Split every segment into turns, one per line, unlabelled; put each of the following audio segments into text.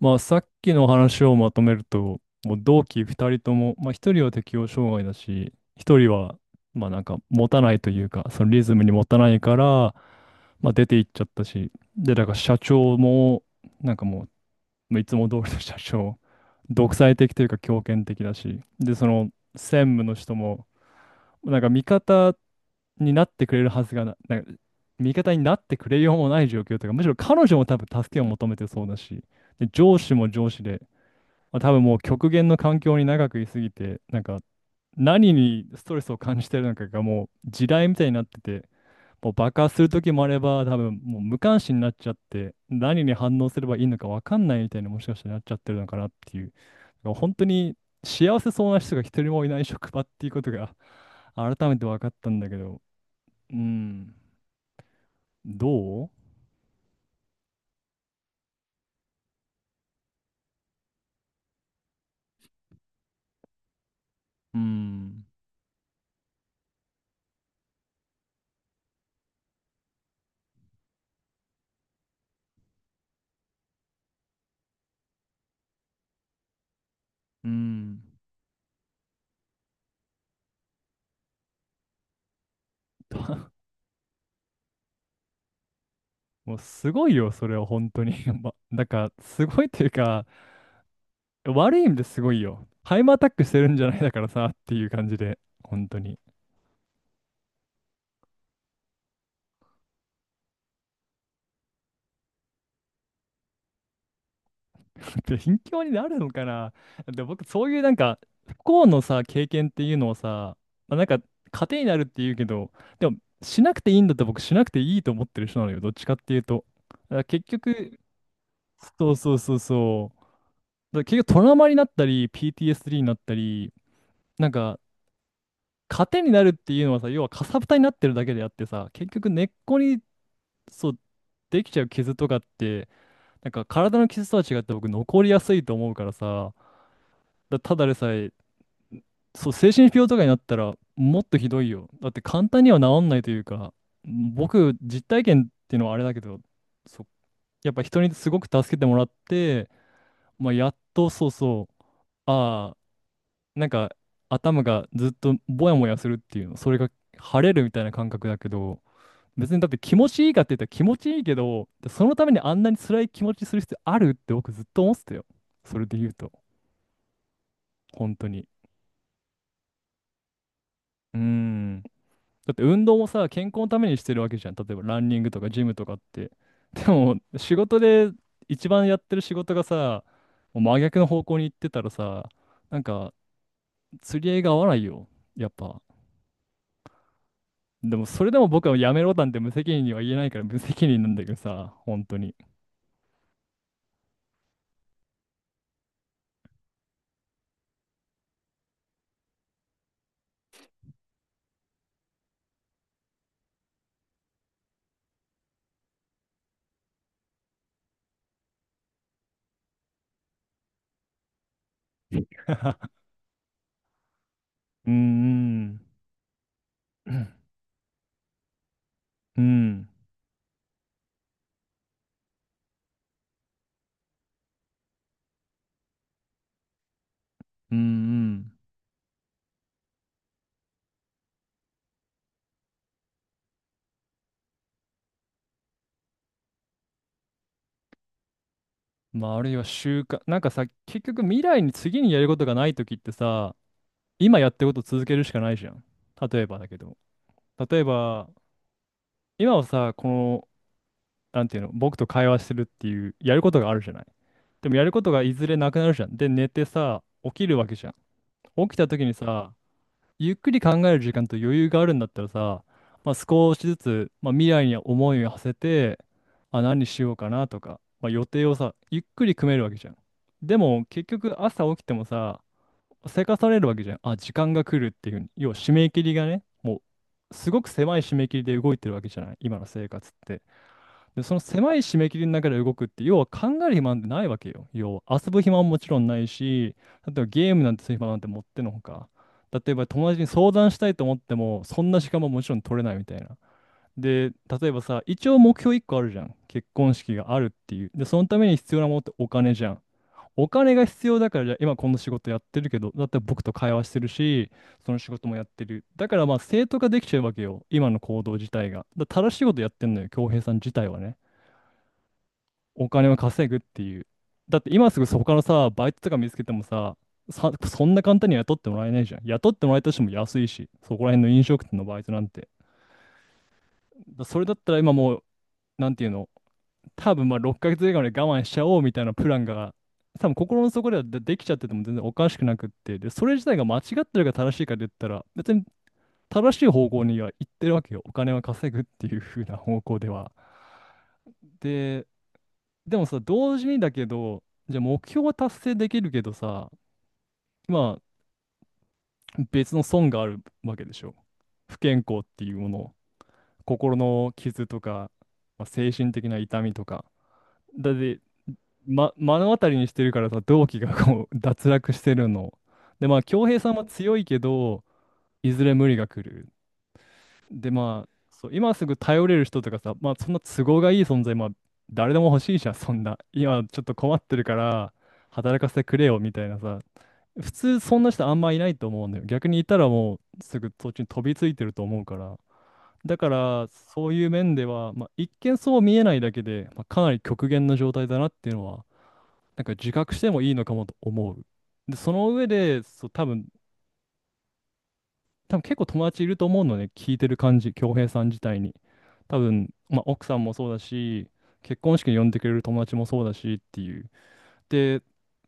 まあ、さっきの話をまとめると、もう同期2人とも、まあ、1人は適応障害だし、1人は、まあ、なんか、持たないというか、そのリズムに持たないから、まあ、出て行っちゃったし、で、だから社長も、なんかもう、いつも通りの社長、独裁的というか、強権的だし、で、その、専務の人も、なんか、味方になってくれるはずがな、なんか、味方になってくれようもない状況というか、むしろ彼女も多分助けを求めてそうだし、で、上司も上司で、まあ、多分もう極限の環境に長くいすぎて、なんか何にストレスを感じてるのかがもう地雷みたいになってて、もう爆発する時もあれば、多分もう無関心になっちゃって、何に反応すればいいのか分かんないみたいにもしかしたらなっちゃってるのかなっていう、だから本当に幸せそうな人が一人もいない職場っていうことが改めて分かったんだけど、うん、どう。うん、うん。もうすごいよ、それは本当に。ま、なんかすごいというか、悪い意味ですごいよ。ハイマーアタックしてるんじゃないだからさっていう感じで、本当に。で、貧乏になるのかな。で、僕、そういうなんか、不幸のさ、経験っていうのをさ、まあ、なんか、糧になるっていうけど、でも、しなくていいんだったら僕、しなくていいと思ってる人なのよ。どっちかっていうと。だから結局、そうそうそうそう。だから結局、トラウマになったり、PTSD になったり、なんか、糧になるっていうのはさ、要はかさぶたになってるだけであってさ、結局根っこにそう、できちゃう傷とかって、なんか体の傷とは違って僕残りやすいと思うからさ、ただでさえ、そう、精神病とかになったらもっとひどいよ。だって簡単には治んないというか、僕、実体験っていうのはあれだけど、そう、やっぱ人にすごく助けてもらって、まあ、やっとそうそう、ああ、なんか頭がずっとぼやもやするっていうの、それが晴れるみたいな感覚だけど、別にだって気持ちいいかって言ったら気持ちいいけど、そのためにあんなに辛い気持ちする必要あるって僕ずっと思ってたよ。それで言うと、本当に。うーん。だって運動もさ、健康のためにしてるわけじゃん。例えばランニングとかジムとかって。でも、仕事で一番やってる仕事がさ、もう真逆の方向に行ってたらさ、なんか釣り合いが合わないよ。やっぱ。でも、それでも僕はやめろなんて無責任には言えないから無責任なんだけどさ、本当に。うん。うん。うん。うん。うん。まああるいは習慣なんかさ、結局未来に次にやることがないときってさ、今やってることを続けるしかないじゃん。例えばだけど例えば、今はさ、この、なんていうの、僕と会話してるっていうやることがあるじゃない。でもやることがいずれなくなるじゃん。で寝てさ、起きるわけじゃん。起きたときにさ、ゆっくり考える時間と余裕があるんだったらさ、まあ、少しずつ、まあ、未来に思いを馳せて、あ、何しようかなとか、まあ、予定をさ、ゆっくり組めるわけじゃん。でも結局朝起きてもさ、せかされるわけじゃん。あ、時間が来るっていうふうに。要は締め切りがね、もうすごく狭い締め切りで動いてるわけじゃない、今の生活って。で、その狭い締め切りの中で動くって、要は考える暇なんてないわけよ。要は遊ぶ暇ももちろんないし、例えばゲームなんてする暇なんてもってのほか。例えば友達に相談したいと思っても、そんな時間ももちろん取れないみたいな。で、例えばさ、一応目標1個あるじゃん。結婚式があるっていう。で、そのために必要なものってお金じゃん。お金が必要だから、じゃあ今この仕事やってるけど、だって僕と会話してるし、その仕事もやってる。だからまあ正当化できちゃうわけよ。今の行動自体が。だから正しいことやってんのよ、恭平さん自体はね。お金を稼ぐっていう。だって今すぐ他のさ、バイトとか見つけてもさ、そんな簡単には雇ってもらえないじゃん。雇ってもらえたとしても安いし、そこら辺の飲食店のバイトなんて。だそれだったら今もう、なんていうの、多分まあ6ヶ月以外まで我慢しちゃおうみたいなプランが、多分心の底ではで、できちゃってても全然おかしくなくって、で、それ自体が間違ってるか正しいかで言ったら、別に正しい方向には行ってるわけよ。お金は稼ぐっていう風な方向では。で、でもさ、同時にだけど、じゃあ目標は達成できるけどさ、まあ別の損があるわけでしょ。不健康っていうもの、心の傷とか、まあ、精神的な痛みとか。だって、ま、目の当たりにしてるからさ、同期がこう 脱落してるの。で、まあ、恭平さんは強いけど、いずれ無理が来る。で、まあ、そう、今すぐ頼れる人とかさ、まあ、そんな都合がいい存在、まあ、誰でも欲しいじゃん、そんな。今ちょっと困ってるから、働かせてくれよ、みたいなさ。普通、そんな人あんまいないと思うんだよ。逆にいたらもう、すぐそっちに飛びついてると思うから。だから、そういう面では、まあ、一見そう見えないだけで、まあ、かなり極限の状態だなっていうのは、なんか自覚してもいいのかもと思う。で、その上で、そう、多分、多分結構友達いると思うのね、聞いてる感じ、恭平さん自体に。多分、まあ、奥さんもそうだし、結婚式に呼んでくれる友達もそうだしっていう。で、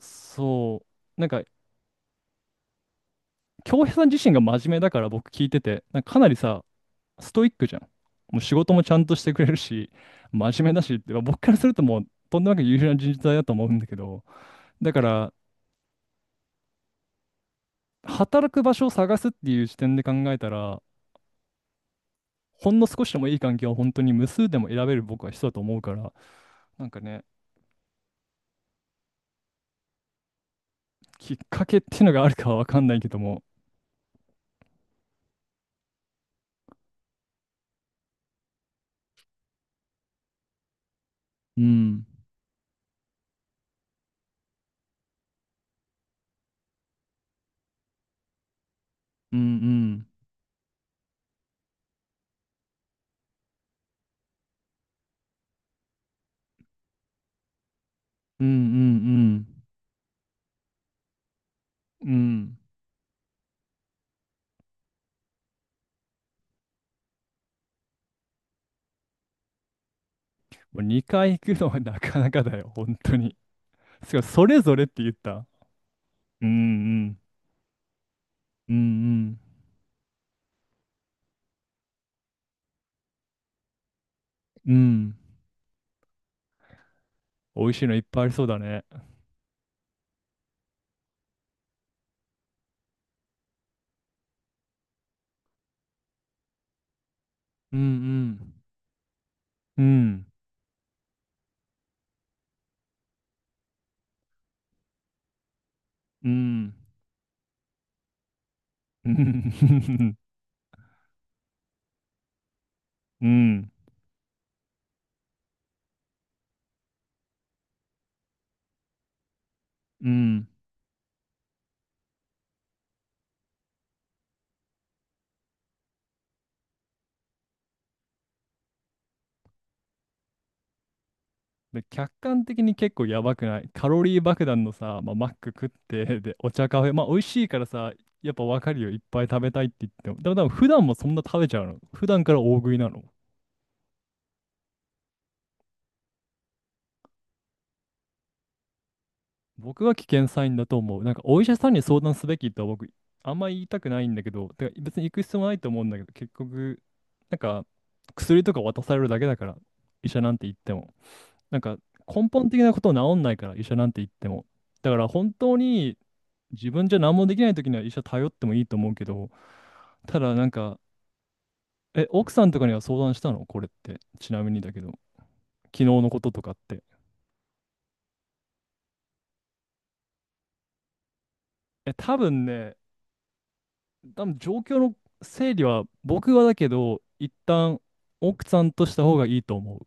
そう、なんか、恭平さん自身が真面目だから僕聞いてて、なんかかなりさ、ストイックじゃん。もう仕事もちゃんとしてくれるし、真面目だしって、まあ僕からするともう、とんでもなく優秀な人材だと思うんだけど、だから、働く場所を探すっていう視点で考えたら、ほんの少しでもいい環境を本当に無数でも選べる僕は人だと思うから、なんかね、きっかけっていうのがあるかはわかんないけども、うん。うん。うん。うん。うん。うん。うん。もう2回行くのはなかなかだよ、本当に。すごい、それぞれって言った。うん。うん。うん。うん。うん。美味しいのいっぱいありそうだね。うん。うん。うん。うん。うん。うん。うん。うん。で、客観的に結構やばくない。カロリー爆弾のさ、まあ、マック食って、で、お茶カフェ、まあ、美味しいからさ、やっぱわかるよ。いっぱい食べたいって言っても。でも多分普段もそんな食べちゃうの。普段から大食いなの。僕は危険サインだと思う。なんかお医者さんに相談すべきとは僕、あんまり言いたくないんだけど、てか別に行く必要もないと思うんだけど、結局、なんか薬とか渡されるだけだから、医者なんて言っても。なんか根本的なこと治んないから、医者なんて言っても。だから本当に自分じゃ何もできない時には医者頼ってもいいと思うけど、ただなんか、え、奥さんとかには相談したのこれって。ちなみにだけど、昨日のこととかって。え、多分ね、多分状況の整理は僕はだけど、一旦奥さんとした方がいいと思う。